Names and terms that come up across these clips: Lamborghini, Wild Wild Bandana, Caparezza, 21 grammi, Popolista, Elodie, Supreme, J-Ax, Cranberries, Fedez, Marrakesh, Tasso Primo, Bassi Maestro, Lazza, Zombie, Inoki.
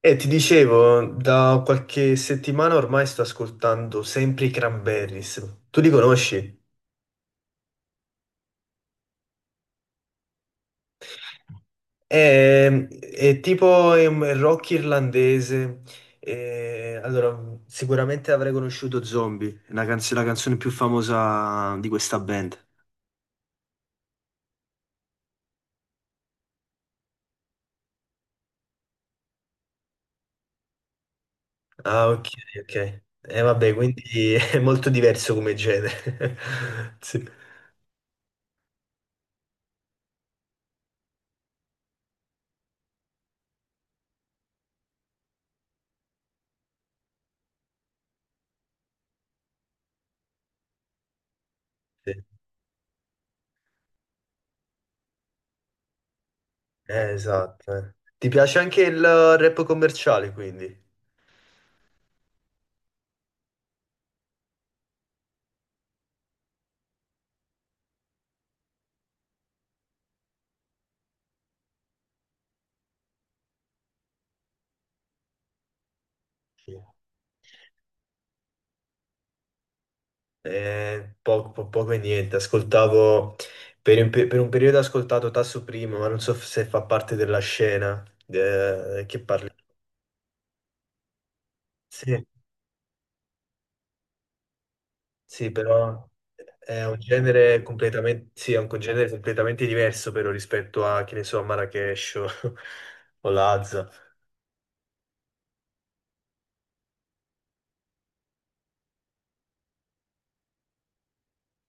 E ti dicevo, da qualche settimana ormai sto ascoltando sempre i Cranberries. Tu li conosci? È tipo è un rock irlandese. E allora, sicuramente avrei conosciuto Zombie, la canzone più famosa di questa band. Ah, ok, ok. E vabbè, quindi è molto diverso come genere. Sì, sì. Esatto, eh. Ti piace anche il rap commerciale, quindi? Poco, poco e niente, ascoltavo per un periodo ho ascoltato Tasso Primo, ma non so se fa parte della scena, che parli. Sì, sì, però è un genere completamente, sì, è un genere completamente diverso però rispetto a, che ne so, a Marrakesh o, o Lazza.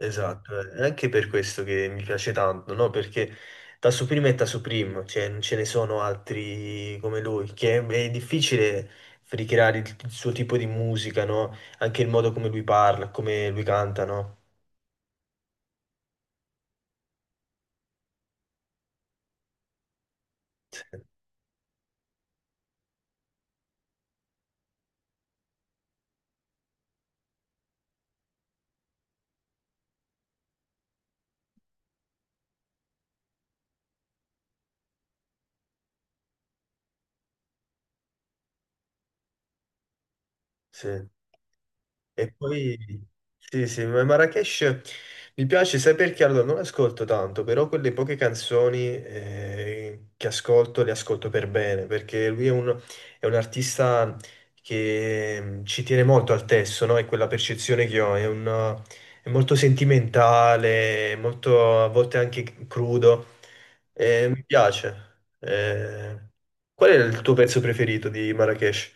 Esatto, eh. È anche per questo che mi piace tanto, no? Perché da Supreme è da Supreme, cioè non ce ne sono altri come lui, che è difficile ricreare il suo tipo di musica, no? Anche il modo come lui parla, come lui canta, no? Sì, sì. E poi sì, sì, ma Marrakesh mi piace, sai perché? Allora, non ascolto tanto, però quelle poche canzoni che ascolto le ascolto per bene, perché lui è un artista che, ci tiene molto al testo, no? È quella percezione che ho, è molto sentimentale, è molto a volte anche crudo, e mi piace. Qual è il tuo pezzo preferito di Marrakesh?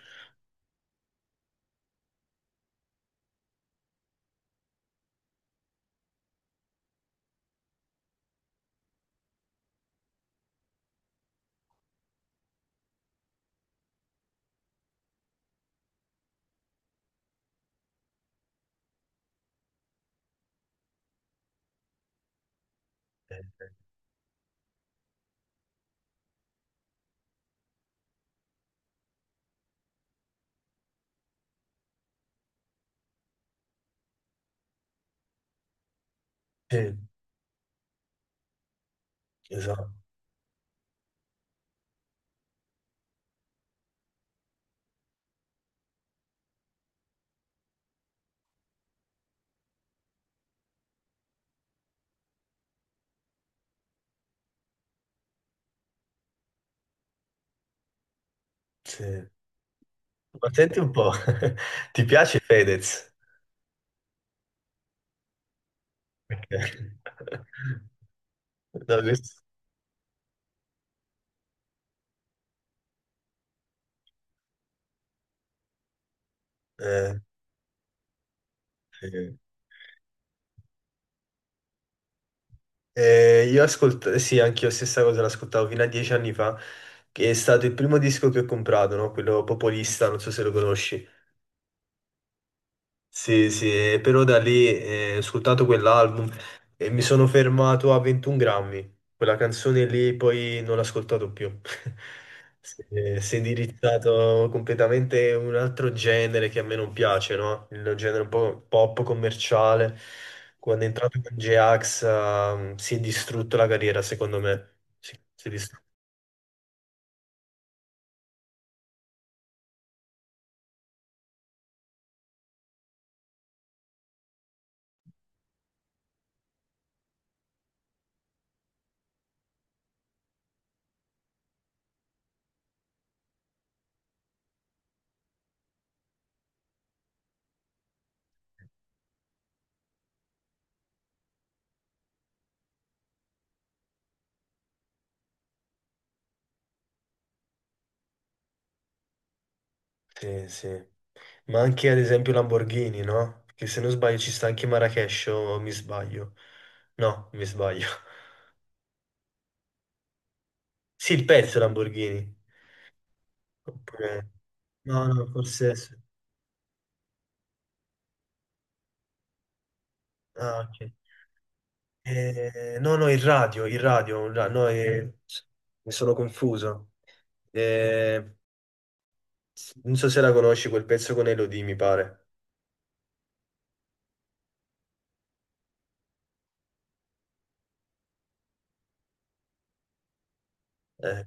Eh, Sì, esatto, sì. Ma senti un po', ti piace Fedez? Perché- No, eh, sì. Io ascolto, sì, anche io stessa cosa l'ascoltavo fino a 10 anni fa, che è stato il primo disco che ho comprato, no? Quello Popolista, non so se lo conosci. Sì, sì, e però da lì ho ascoltato quell'album e mi sono fermato a 21 grammi. Quella canzone lì poi non l'ho ascoltato più. Si è indirizzato completamente un altro genere che a me non piace, no? Il genere un po' pop commerciale. Quando è entrato con J-Ax, si è distrutto la carriera, secondo me. Sì, si è distrutto. Sì, sì. Ma anche ad esempio Lamborghini, no? Che se non sbaglio ci sta anche Marrakesh, o mi sbaglio. No, mi sbaglio. Sì, il pezzo Lamborghini. Oppure. No, no, forse. Ah, ok. No, no, il radio. No, mi sono confuso. Eh, non so se la conosci, quel pezzo con Elodie, mi pare. Eh,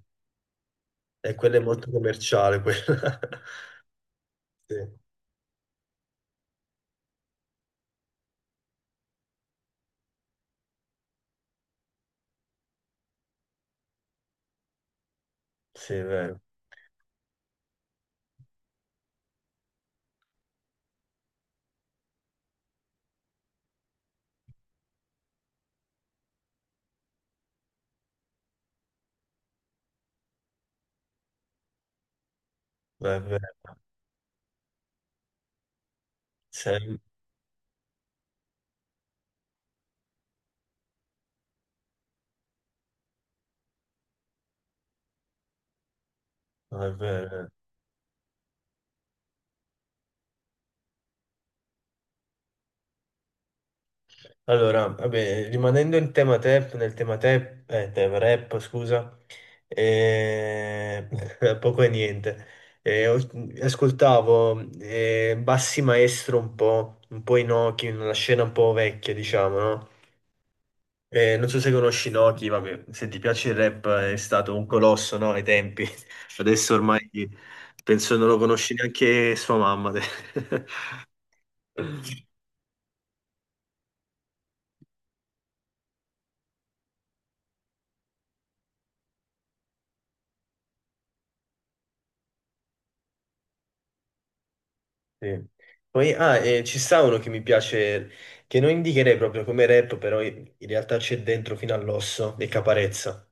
e quella è molto commerciale, quella. Sì, sì, è vero. È vero. Sì. No, è vero, eh. Allora, vabbè, rimanendo in tema tap, nel tema tap, tap, rap, scusa, eh, poco e niente. Eh, ho- Ascoltavo Bassi Maestro un po' Inoki, una scena un po' vecchia, diciamo, no? Non so se conosci Inoki, vabbè, se ti piace il rap è stato un colosso, no? Ai tempi. Adesso ormai penso non lo conosci neanche sua mamma, te. Sì. Poi, ah, e ci sta uno che mi piace, che non indicherei proprio come rap, però in realtà c'è dentro fino all'osso, e Caparezza.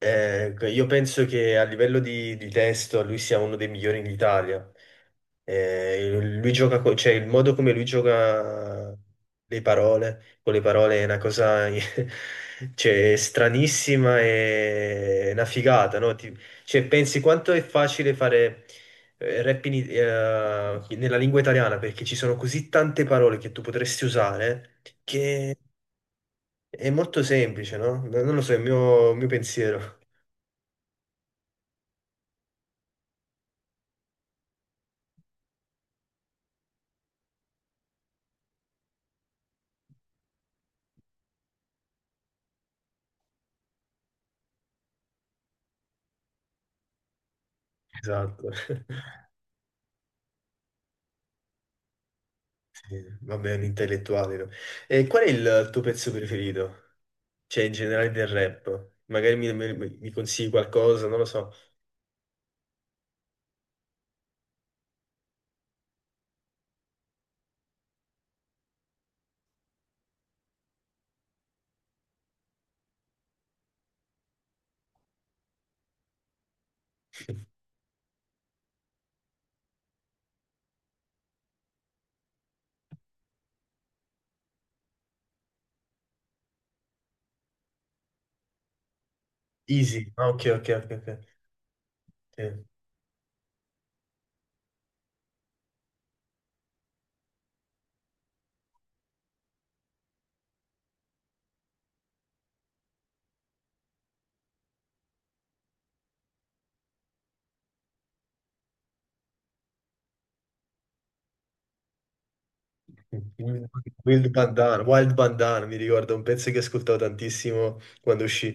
Io penso che a livello di testo lui sia uno dei migliori in Italia. Lui gioca, cioè il modo come lui gioca con le parole è una cosa cioè stranissima e una figata, no? Cioè, pensi quanto è facile fare rap nella lingua italiana, perché ci sono così tante parole che tu potresti usare che è molto semplice, no? No, non lo so, è il mio pensiero. Esatto. Vabbè, è un intellettuale, no? E qual è il tuo pezzo preferito? Cioè, in generale del rap. Magari mi consigli qualcosa, non lo so. Easy. Ah, ok, ok, ok, ok. Sì. Wild Wild Bandana, mi ricordo, un pezzo che ascoltavo tantissimo quando uscì.